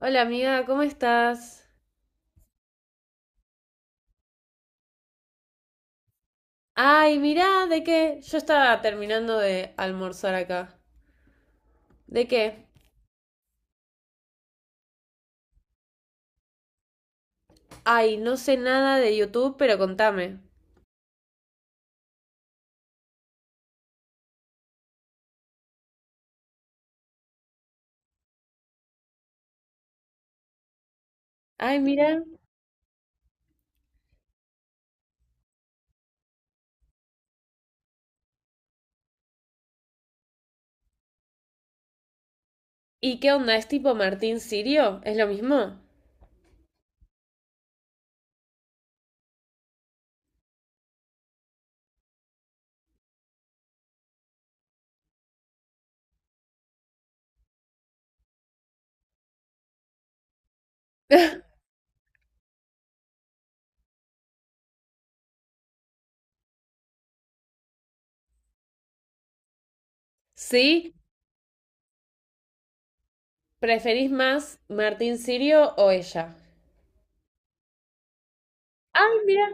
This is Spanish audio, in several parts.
Hola amiga, ¿cómo estás? Ay, mirá, ¿de qué? Yo estaba terminando de almorzar acá. ¿De qué? Ay, no sé nada de YouTube, pero contame. Ay, mira. ¿Y qué onda? ¿Es tipo Martín Sirio? ¿Es lo mismo? ¿Sí? ¿Preferís más Martín Sirio o ella? Ay, mira.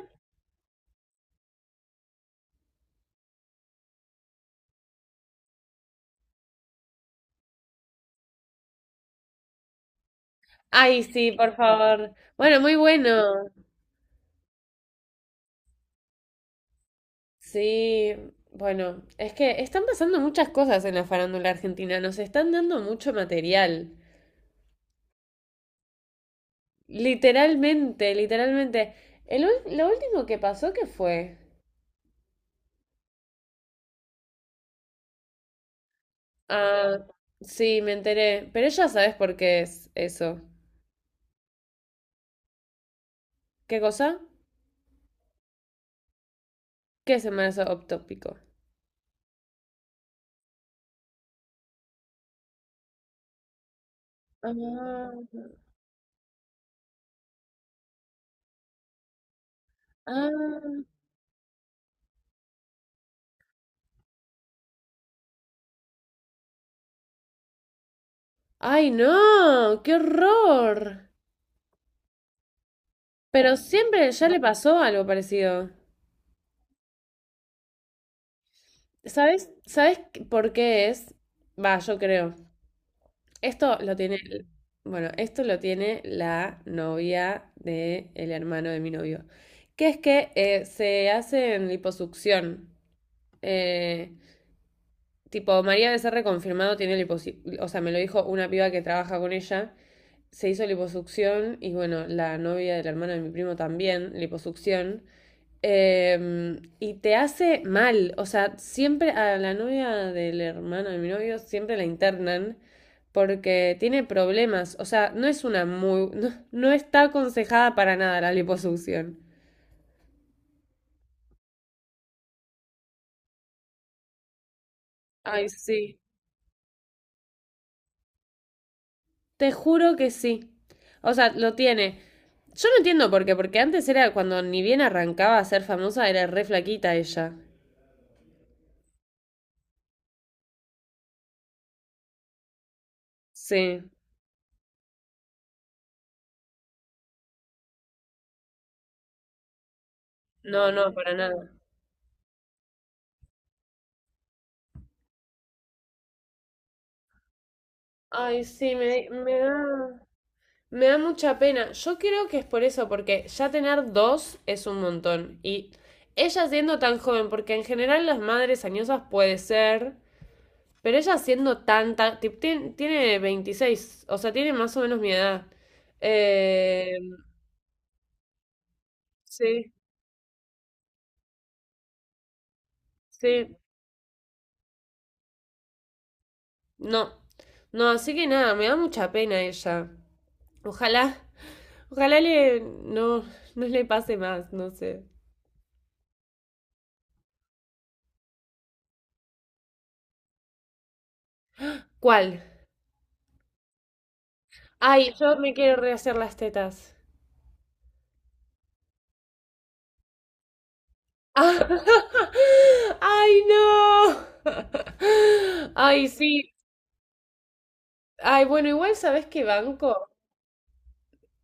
Ay, sí, por favor. Bueno, muy bueno. Sí, bueno, es que están pasando muchas cosas en la farándula argentina, nos están dando mucho material. Literalmente, literalmente. Lo último que pasó, ¿qué fue? Ah, sí, me enteré. Pero ya sabes por qué es eso. ¿Qué cosa? ¿Qué es el embarazo ectópico? Ah, ah. ¡Ay, no! ¡Qué horror! Pero siempre ya le pasó algo parecido. ¿Sabes? ¿Sabes por qué es? Va, yo creo. Esto lo tiene, bueno, esto lo tiene la novia del hermano de mi novio, que es que se hace en liposucción. Eh, tipo, María Becerra confirmado tiene liposucción, o sea, me lo dijo una piba que trabaja con ella, se hizo liposucción y bueno, la novia del hermano de mi primo también, liposucción. Y te hace mal. O sea, siempre a la novia del hermano de mi novio siempre la internan porque tiene problemas. O sea, no es una muy. No, no está aconsejada para nada la liposucción. Ay, sí. Te juro que sí. O sea, lo tiene. Yo no entiendo por qué, porque antes era cuando ni bien arrancaba a ser famosa, era re flaquita ella. Sí. No, no, para nada. Ay, sí, me da. Me da mucha pena. Yo creo que es por eso, porque ya tener dos es un montón. Y ella siendo tan joven, porque en general las madres añosas puede ser, pero ella siendo tanta, tiene, 26, o sea, tiene más o menos mi edad. Eh, sí, sí, no. No, así que nada, me da mucha pena ella. Ojalá, ojalá le, no, no le pase más, no sé. ¿Cuál? Ay, yo me quiero rehacer las tetas. Ay, no. Ay, sí. Ay, bueno, igual sabes que banco,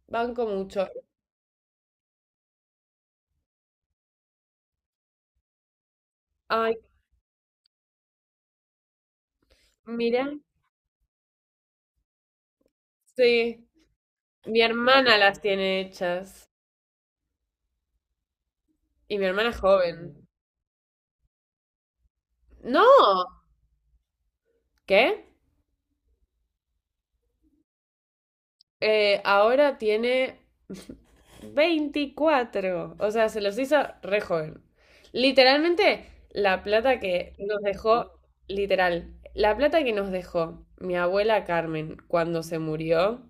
banco mucho. Ay, mira, sí. Mi hermana las tiene hechas. Y mi hermana es joven. No, ¿qué? Ahora tiene 24. O sea, se los hizo re joven. Literalmente, la plata que nos dejó, literal, la plata que nos dejó mi abuela Carmen cuando se murió,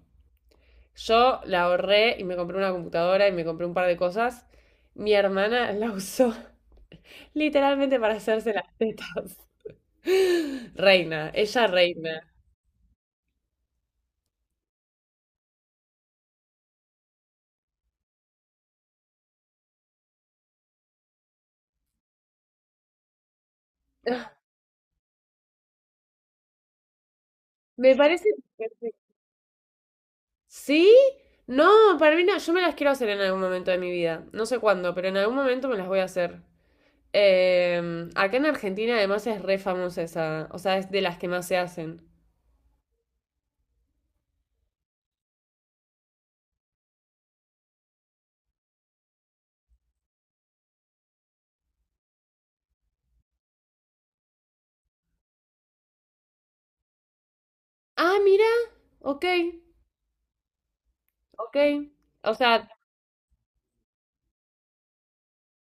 yo la ahorré y me compré una computadora y me compré un par de cosas. Mi hermana la usó literalmente para hacerse las tetas. Reina, ella reina. Me parece ¿sí? No, para mí no, yo me las quiero hacer en algún momento de mi vida. No sé cuándo, pero en algún momento me las voy a hacer. Acá en Argentina además es re famosa esa, o sea, es de las que más se hacen. Ah, mira, ok, ok. O sea,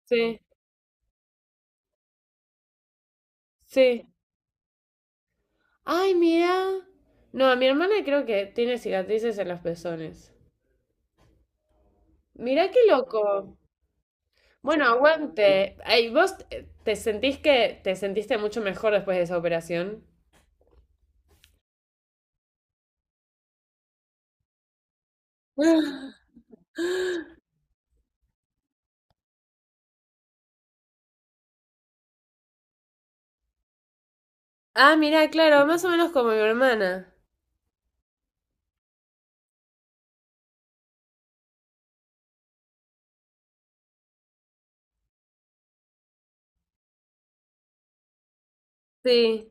sí, sí. Ay, mira. No, mi hermana creo que tiene cicatrices en los pezones. Mirá qué loco. Bueno, aguante. Ay, ¿vos te sentís que te sentiste mucho mejor después de esa operación? Ah, mirá, claro, más o menos como mi hermana. Sí.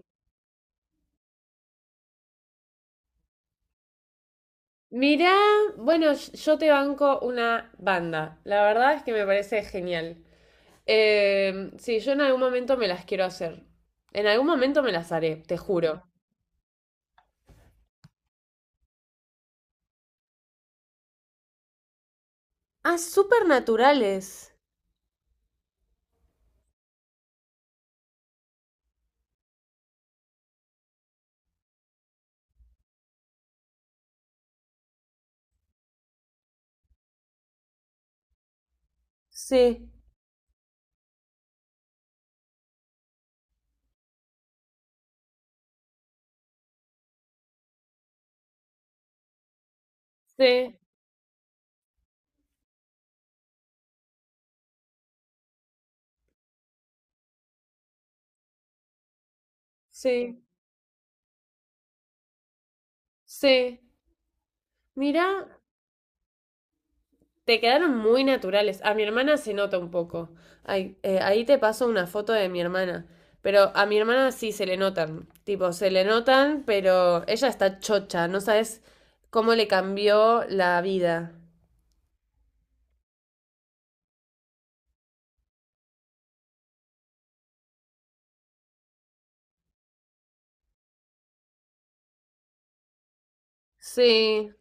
Mirá, bueno, yo te banco una banda. La verdad es que me parece genial. Sí, yo en algún momento me las quiero hacer. En algún momento me las haré, te juro. Ah, súper naturales. Sí, sí, sí, sí. Mirá, te quedaron muy naturales. A mi hermana se nota un poco. Ay, ahí te paso una foto de mi hermana. Pero a mi hermana sí se le notan. Tipo, se le notan, pero ella está chocha. No sabes cómo le cambió la vida. Sí.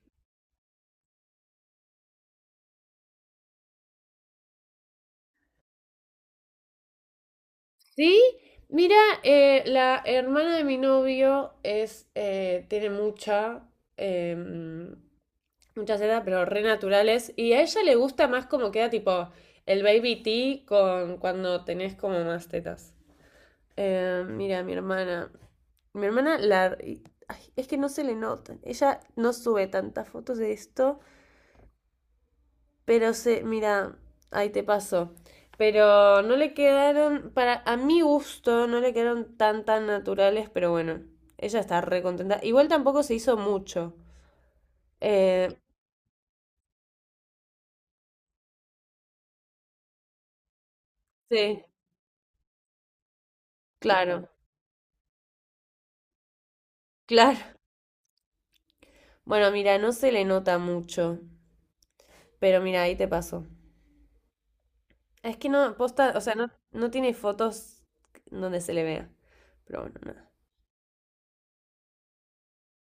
Sí. Mira, la hermana de mi novio es, tiene mucha, em, mucha seda, pero re naturales. Y a ella le gusta más como queda tipo el baby tea con cuando tenés como más tetas. Mira, mi hermana. Mi hermana la. Ay, es que no se le notan. Ella no sube tantas fotos de esto. Pero se. Mira, ahí te pasó. Pero no le quedaron. Para. A mi gusto, no le quedaron tan tan naturales. Pero bueno. Ella está re contenta. Igual tampoco se hizo mucho. Eh, sí, claro. Claro. Bueno, mira, no se le nota mucho, pero mira, ahí te pasó. Es que no, posta, o sea, no, no tiene fotos donde se le vea. Pero bueno, nada.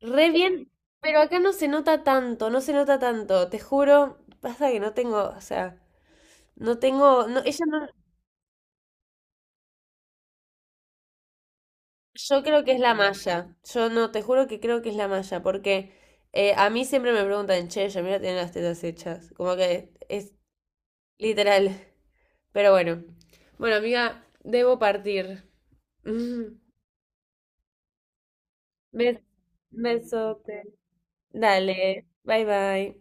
Re bien, pero acá no se nota tanto, no se nota tanto, te juro. Pasa que no tengo, o sea, no tengo, no, ella no, yo creo que es la malla. Yo no, te juro que creo que es la malla, porque a mí siempre me preguntan, che, mira, tiene las tetas hechas. Como que es literal. Pero bueno. Bueno, amiga, debo partir. Bes- Besote. Dale, bye bye.